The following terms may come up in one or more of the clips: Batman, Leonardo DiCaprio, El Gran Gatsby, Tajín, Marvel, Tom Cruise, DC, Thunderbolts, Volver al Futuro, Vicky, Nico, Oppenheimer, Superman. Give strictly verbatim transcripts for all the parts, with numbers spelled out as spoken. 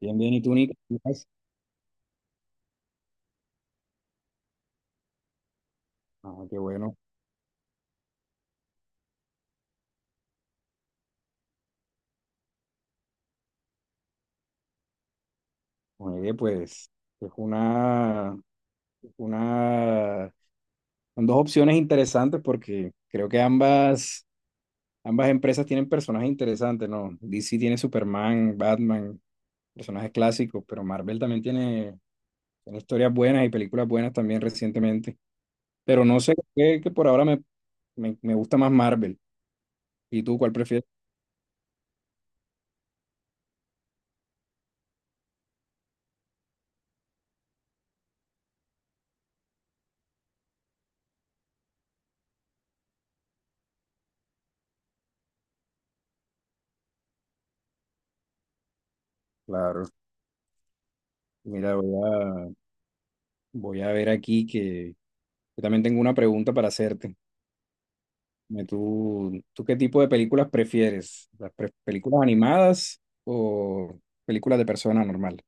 Bien, bien, ¿y tú, Nico? ¿Cómo estás? Ah, qué bueno. Oye, pues es una, una, son dos opciones interesantes porque creo que ambas, ambas empresas tienen personajes interesantes, ¿no? D C tiene Superman, Batman, personajes clásicos, pero Marvel también tiene, tiene historias buenas y películas buenas también recientemente. Pero no sé, qué que por ahora me, me, me gusta más Marvel. ¿Y tú cuál prefieres? Claro. Mira, voy a, voy a ver aquí que yo también tengo una pregunta para hacerte. Dime. ¿Tú, tú qué tipo de películas prefieres? ¿Las pre- películas animadas o películas de persona normal?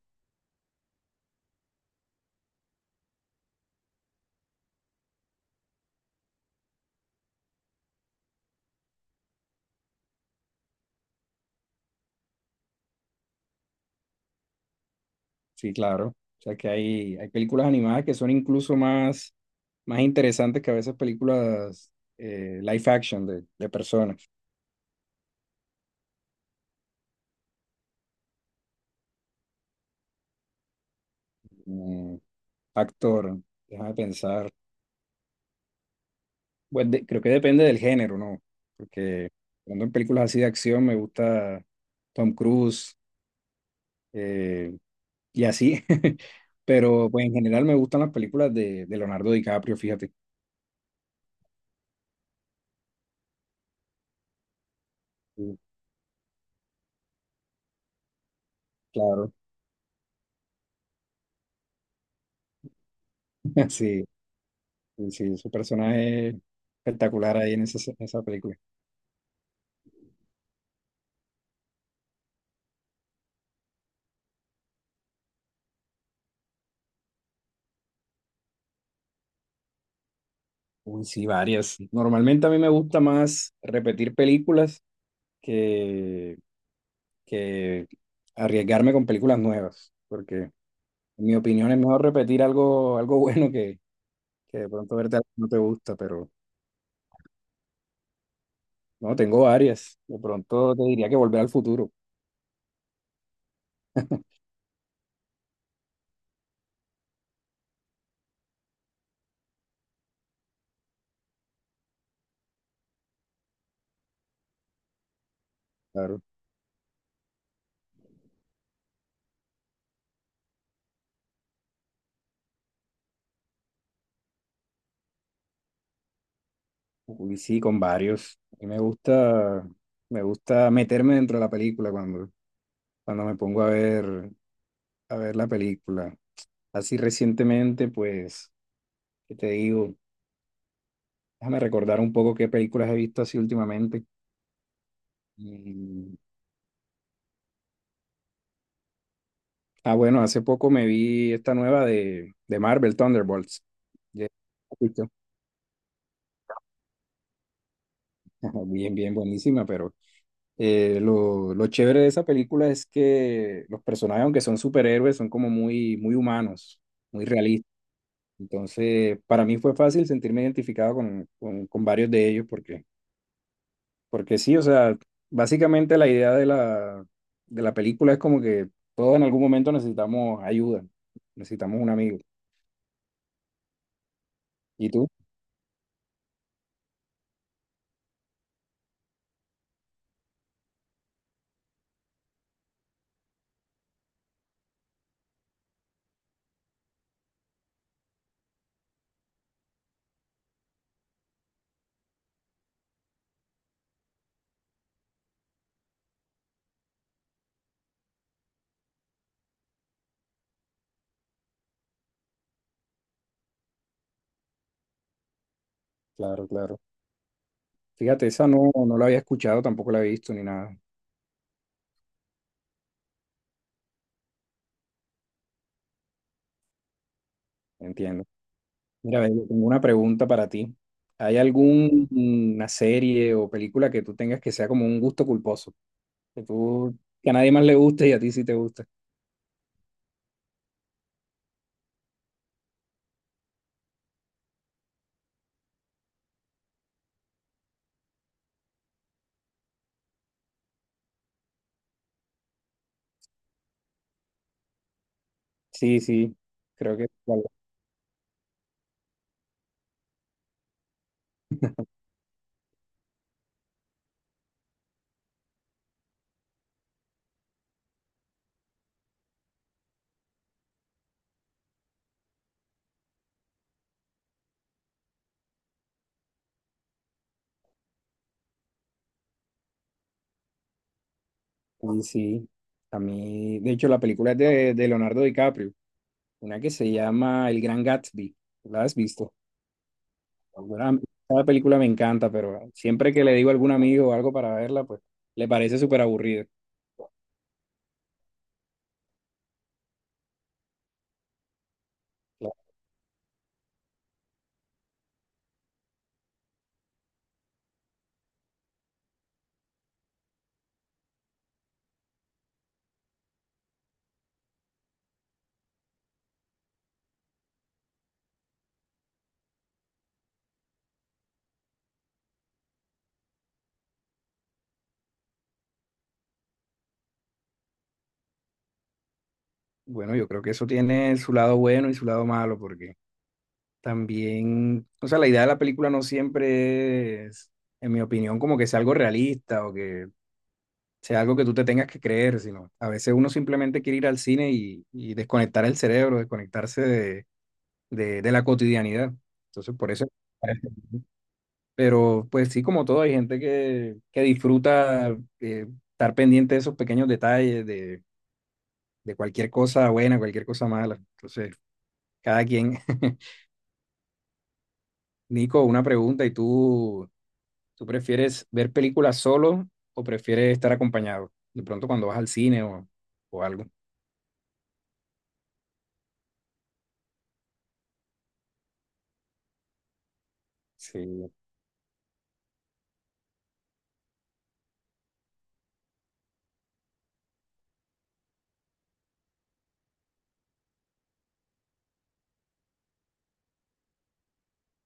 Sí, claro. O sea que hay, hay películas animadas que son incluso más, más interesantes que a veces películas eh, live action de, de personas. Mm, actor, déjame pensar. Pues de- creo que depende del género, ¿no? Porque cuando en películas así de acción me gusta Tom Cruise, eh, y así. Pero pues en general me gustan las películas de, de Leonardo DiCaprio, fíjate. Sí, claro. Sí, sí, sí, su personaje es espectacular ahí en esa, en esa película. Uy, sí, varias. Normalmente a mí me gusta más repetir películas que, que arriesgarme con películas nuevas, porque en mi opinión es mejor repetir algo, algo bueno que, que de pronto verte algo que no te gusta, pero no, tengo varias. De pronto te diría que Volver al Futuro, claro. Uy, sí, con varios. A mí me gusta, me gusta meterme dentro de la película cuando, cuando me pongo a ver, a ver la película. Así recientemente, pues, ¿qué te digo? Déjame recordar un poco qué películas he visto así últimamente. Y- ah, bueno, hace poco me vi esta nueva de, de Marvel, Thunderbolts. Ya- Listo. Bien, bien, buenísima, pero eh, lo, lo chévere de esa película es que los personajes, aunque son superhéroes, son como muy, muy humanos, muy realistas. Entonces, para mí fue fácil sentirme identificado con, con- con varios de ellos porque, porque sí, o sea, básicamente la idea de la, de la película es como que todos en algún momento necesitamos ayuda, necesitamos un amigo. ¿Y tú? Claro, claro. Fíjate, esa no, no la había escuchado, tampoco la he visto ni nada, entiendo. Mira, ve, yo tengo una pregunta para ti. ¿Hay alguna serie o película que tú tengas que sea como un gusto culposo? Que tú, que a nadie más le guste y a ti sí te gusta. Sí, sí, creo que... Sí, sí. A mí, de hecho, la película es de, de Leonardo DiCaprio, una que se llama El Gran Gatsby. ¿La has visto? Alguna- Cada película me encanta, pero siempre que le digo a algún amigo o algo para verla, pues le parece súper aburrida. Claro. Bueno, yo creo que eso tiene su lado bueno y su lado malo, porque también, o sea, la idea de la película no siempre es, en mi opinión, como que sea algo realista o que sea algo que tú te tengas que creer, sino a veces uno simplemente quiere ir al cine y, y desconectar el cerebro, desconectarse de, de- de la cotidianidad. Entonces, por eso... Pero pues sí, como todo, hay gente que, que disfruta eh, estar pendiente de esos pequeños detalles, de, de cualquier cosa buena, cualquier cosa mala. Entonces, cada quien. Nico, una pregunta, ¿y tú, tú prefieres ver películas solo o prefieres estar acompañado? De pronto cuando vas al cine o, o algo. Sí,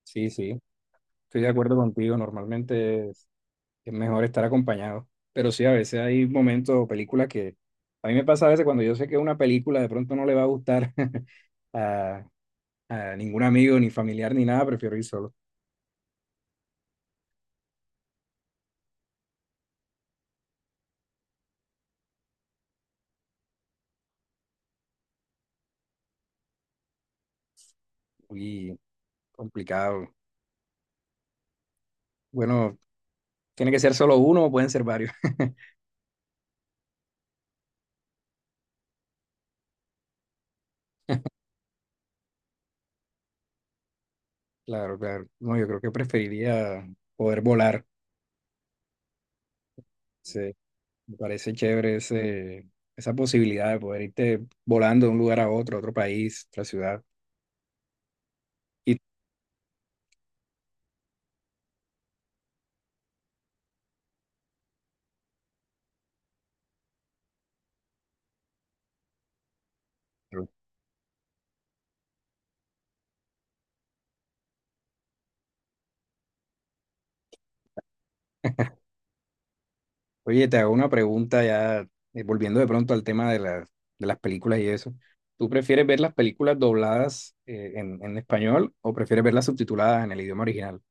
sí, sí. Estoy de acuerdo contigo, normalmente es, es mejor estar acompañado, pero sí, a veces hay momentos o películas que a mí me pasa a veces cuando yo sé que una película de pronto no le va a gustar a, a ningún amigo, ni familiar, ni nada, prefiero ir solo. Muy complicado. Bueno, tiene que ser solo uno o pueden ser varios. Claro, claro. No, yo creo que preferiría poder volar. Sí, me parece chévere ese, esa posibilidad de poder irte volando de un lugar a otro, a otro país, otra ciudad. Y oye, te hago una pregunta ya, eh, volviendo de pronto al tema de, la- de las películas y eso. ¿Tú prefieres ver las películas dobladas eh, en, en español o prefieres verlas subtituladas en el idioma original?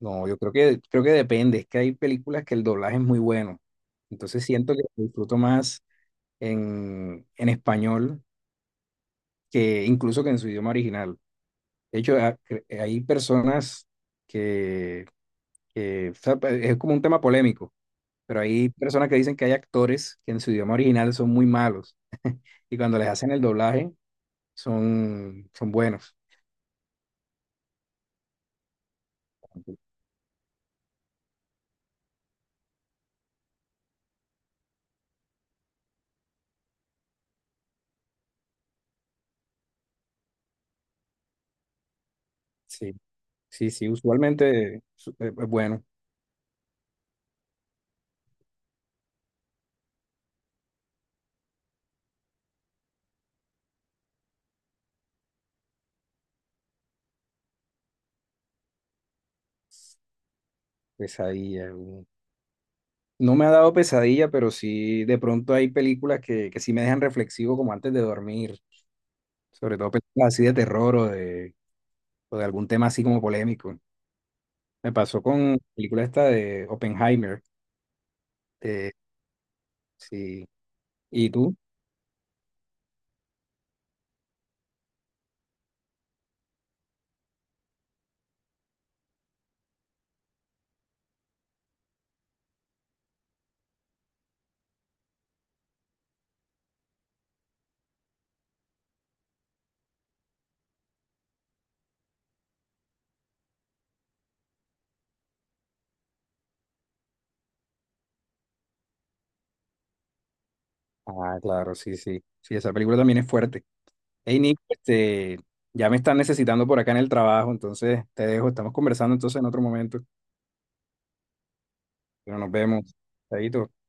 No, yo creo que, creo que depende. Es que hay películas que el doblaje es muy bueno. Entonces siento que disfruto más en, en español que incluso que en su idioma original. De hecho, ha- cre- hay personas que, que, o sea, es como un tema polémico. Pero hay personas que dicen que hay actores que en su idioma original son muy malos y cuando les hacen el doblaje son, son buenos. Sí, sí, sí, usualmente su- eh, eh, bueno, pesadilla. uh. No me ha dado pesadilla, pero sí, de pronto hay películas que, que sí me dejan reflexivo como antes de dormir, sobre todo películas así de terror o de, o de algún tema así como polémico. Me pasó con la película esta de Oppenheimer. eh, sí. ¿Y tú? Ah, claro, sí, sí. Sí, esa película también es fuerte. Hey Nick, este, ya me están necesitando por acá en el trabajo, entonces te dejo, estamos conversando entonces en otro momento, pero nos vemos. Chaito.